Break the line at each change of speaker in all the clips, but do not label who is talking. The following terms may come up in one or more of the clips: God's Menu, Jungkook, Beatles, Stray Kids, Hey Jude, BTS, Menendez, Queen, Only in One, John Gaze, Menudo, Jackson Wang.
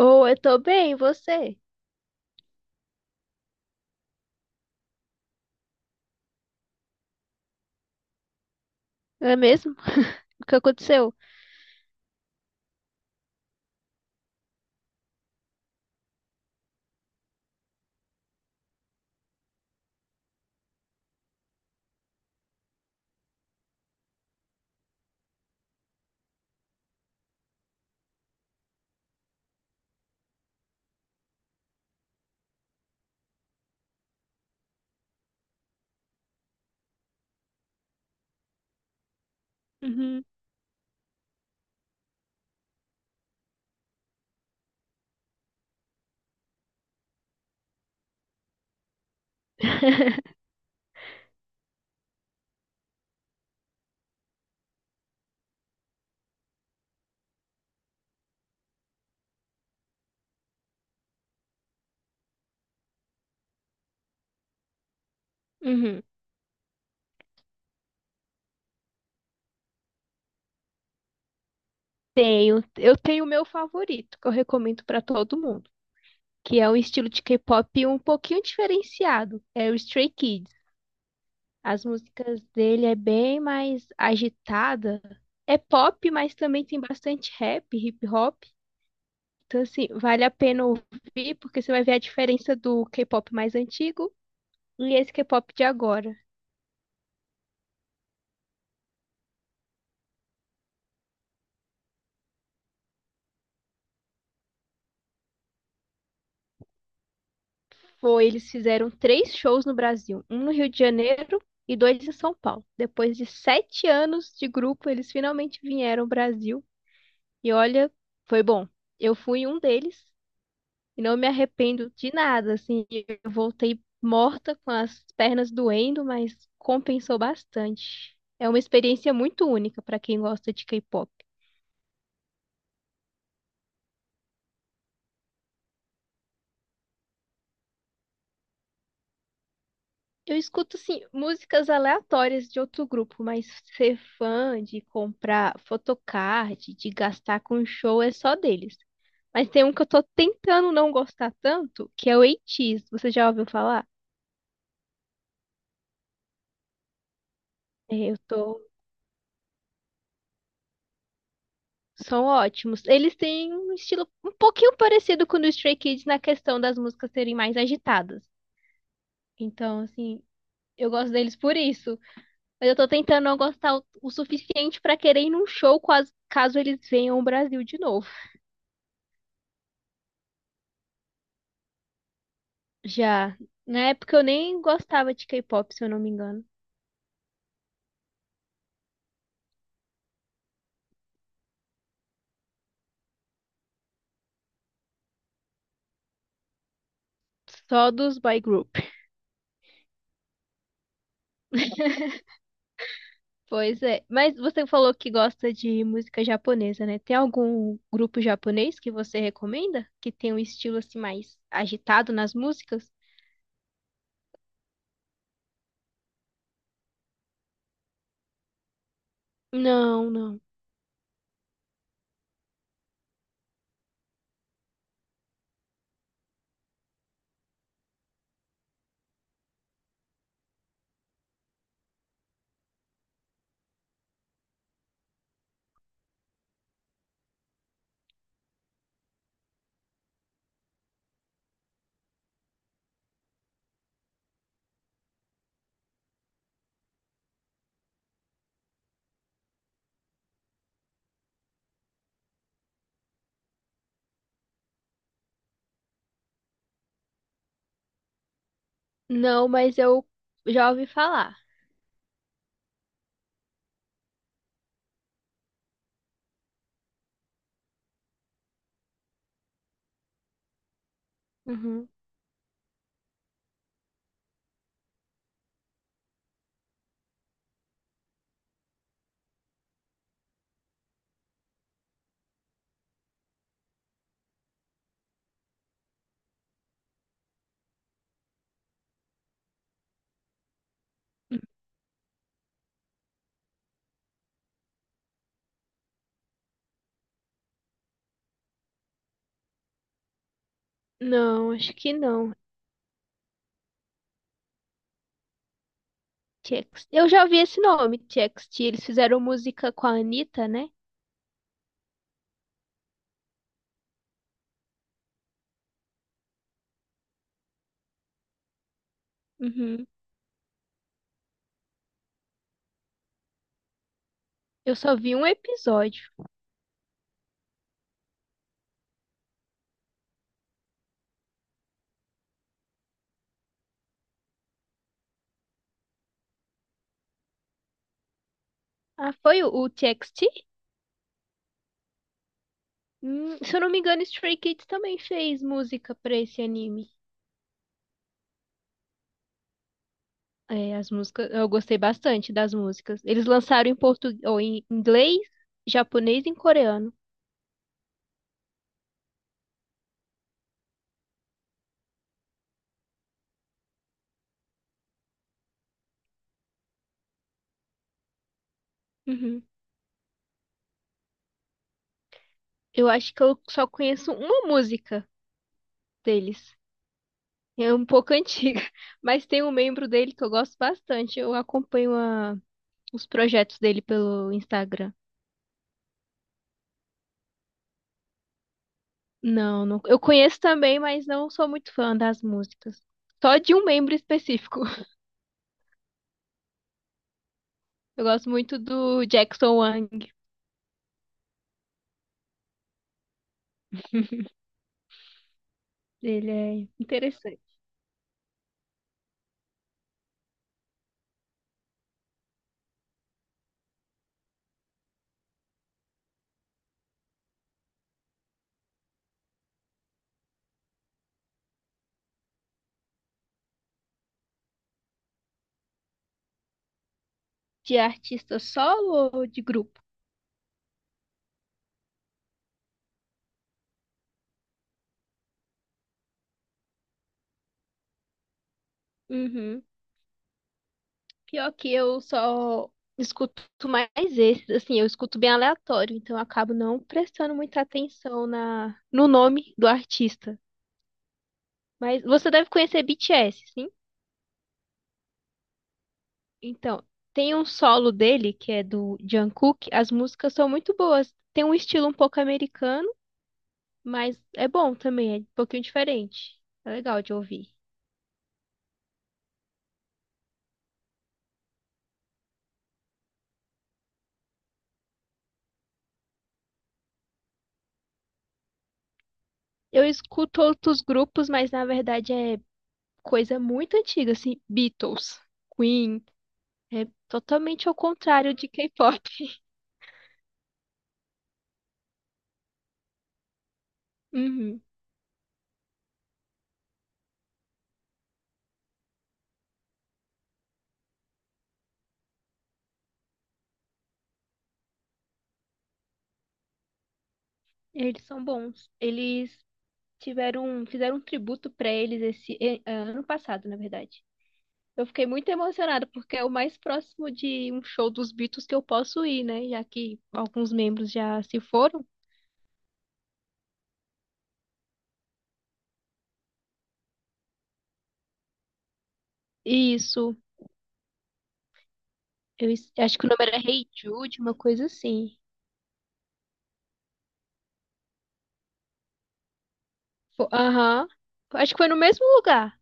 Ou eu tô bem, e você? É mesmo? O que aconteceu? Uhum. Uhum. Tenho, eu tenho o meu favorito, que eu recomendo pra todo mundo, que é um estilo de K-pop um pouquinho diferenciado, é o Stray Kids. As músicas dele é bem mais agitada, é pop, mas também tem bastante rap, hip hop. Então assim, vale a pena ouvir porque você vai ver a diferença do K-pop mais antigo e esse K-pop de agora. Foi, eles fizeram três shows no Brasil, um no Rio de Janeiro e dois em São Paulo. Depois de 7 anos de grupo, eles finalmente vieram ao Brasil. E olha, foi bom. Eu fui um deles e não me arrependo de nada. Assim, eu voltei morta com as pernas doendo, mas compensou bastante. É uma experiência muito única para quem gosta de K-pop. Eu escuto, assim, músicas aleatórias de outro grupo, mas ser fã de comprar photocard, de gastar com show é só deles. Mas tem um que eu tô tentando não gostar tanto, que é o 8. Você já ouviu falar? É, São ótimos. Eles têm um estilo um pouquinho parecido com o do Stray Kids na questão das músicas serem mais agitadas. Então, assim, eu gosto deles por isso. Mas eu tô tentando não gostar o suficiente pra querer ir num show quase, caso eles venham ao Brasil de novo. Já. Na época eu nem gostava de K-pop, se eu não me engano. Só dos boy group. Pois é. Mas você falou que gosta de música japonesa, né? Tem algum grupo japonês que você recomenda? Que tem um estilo assim mais agitado nas músicas? Não, não. Não, mas eu já ouvi falar. Uhum. Não, acho que não. TXT. Eu já ouvi esse nome, TXT. Eles fizeram música com a Anitta, né? Uhum. Eu só vi um episódio. Ah, foi o TXT? Se eu não me engano, Stray Kids também fez música pra esse anime. É, as músicas, eu gostei bastante das músicas. Eles lançaram em português, ou em inglês, japonês e em coreano. Uhum. Eu acho que eu só conheço uma música deles. É um pouco antiga, mas tem um membro dele que eu gosto bastante. Eu acompanho os projetos dele pelo Instagram. Não, não, eu conheço também, mas não sou muito fã das músicas. Só de um membro específico. Eu gosto muito do Jackson Wang. Ele é interessante. De artista solo ou de grupo? Uhum. Pior que eu só escuto mais esses, assim, eu escuto bem aleatório, então eu acabo não prestando muita atenção na no nome do artista. Mas você deve conhecer BTS, sim? Então, tem um solo dele que é do Jungkook, as músicas são muito boas. Tem um estilo um pouco americano, mas é bom também, é um pouquinho diferente. É legal de ouvir. Eu escuto outros grupos, mas na verdade é coisa muito antiga, assim, Beatles, Queen, é totalmente ao contrário de K-pop. Uhum. Eles são bons. Eles tiveram, fizeram um tributo pra eles esse ano passado, na verdade. Eu fiquei muito emocionada porque é o mais próximo de um show dos Beatles que eu posso ir, né? Já que alguns membros já se foram. Isso. Eu acho que o nome era Hey Jude, uma coisa assim. Aham. Acho que foi no mesmo lugar.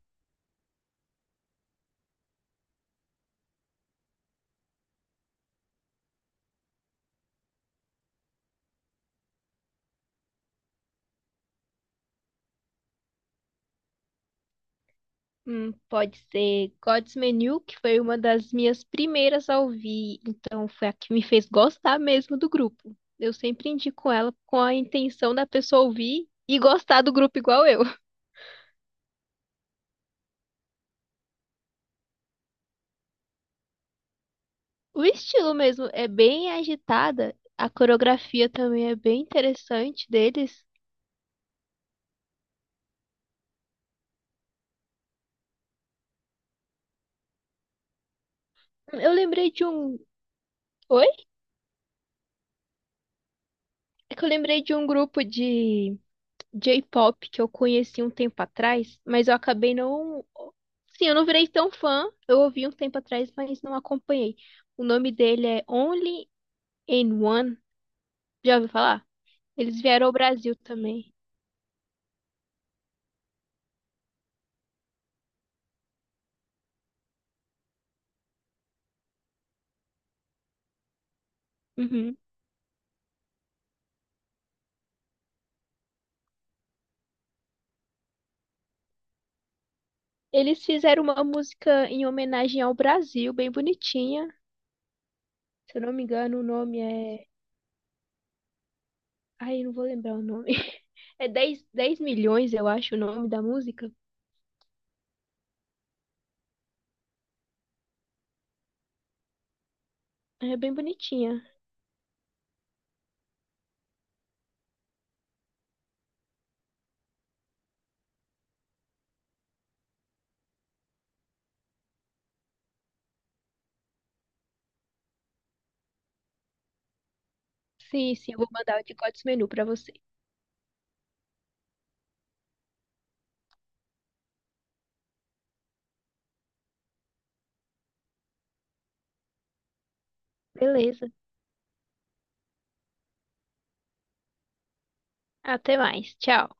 Pode ser God's Menu, que foi uma das minhas primeiras a ouvir, então foi a que me fez gostar mesmo do grupo. Eu sempre indico ela com a intenção da pessoa ouvir e gostar do grupo igual eu. O estilo mesmo é bem agitada, a coreografia também é bem interessante deles. Eu lembrei de um. Oi? É que eu lembrei de um grupo de J-pop que eu conheci um tempo atrás, mas eu acabei não. Sim, eu não virei tão fã. Eu ouvi um tempo atrás, mas não acompanhei. O nome dele é Only in One. Já ouviu falar? Eles vieram ao Brasil também. Uhum. Eles fizeram uma música em homenagem ao Brasil, bem bonitinha. Se eu não me engano, o nome é. Ai, eu não vou lembrar o nome. É dez milhões, eu acho, o nome da música. É bem bonitinha. Sim, sim, eu vou mandar o de Gods Menu pra você. Beleza. Até mais. Tchau.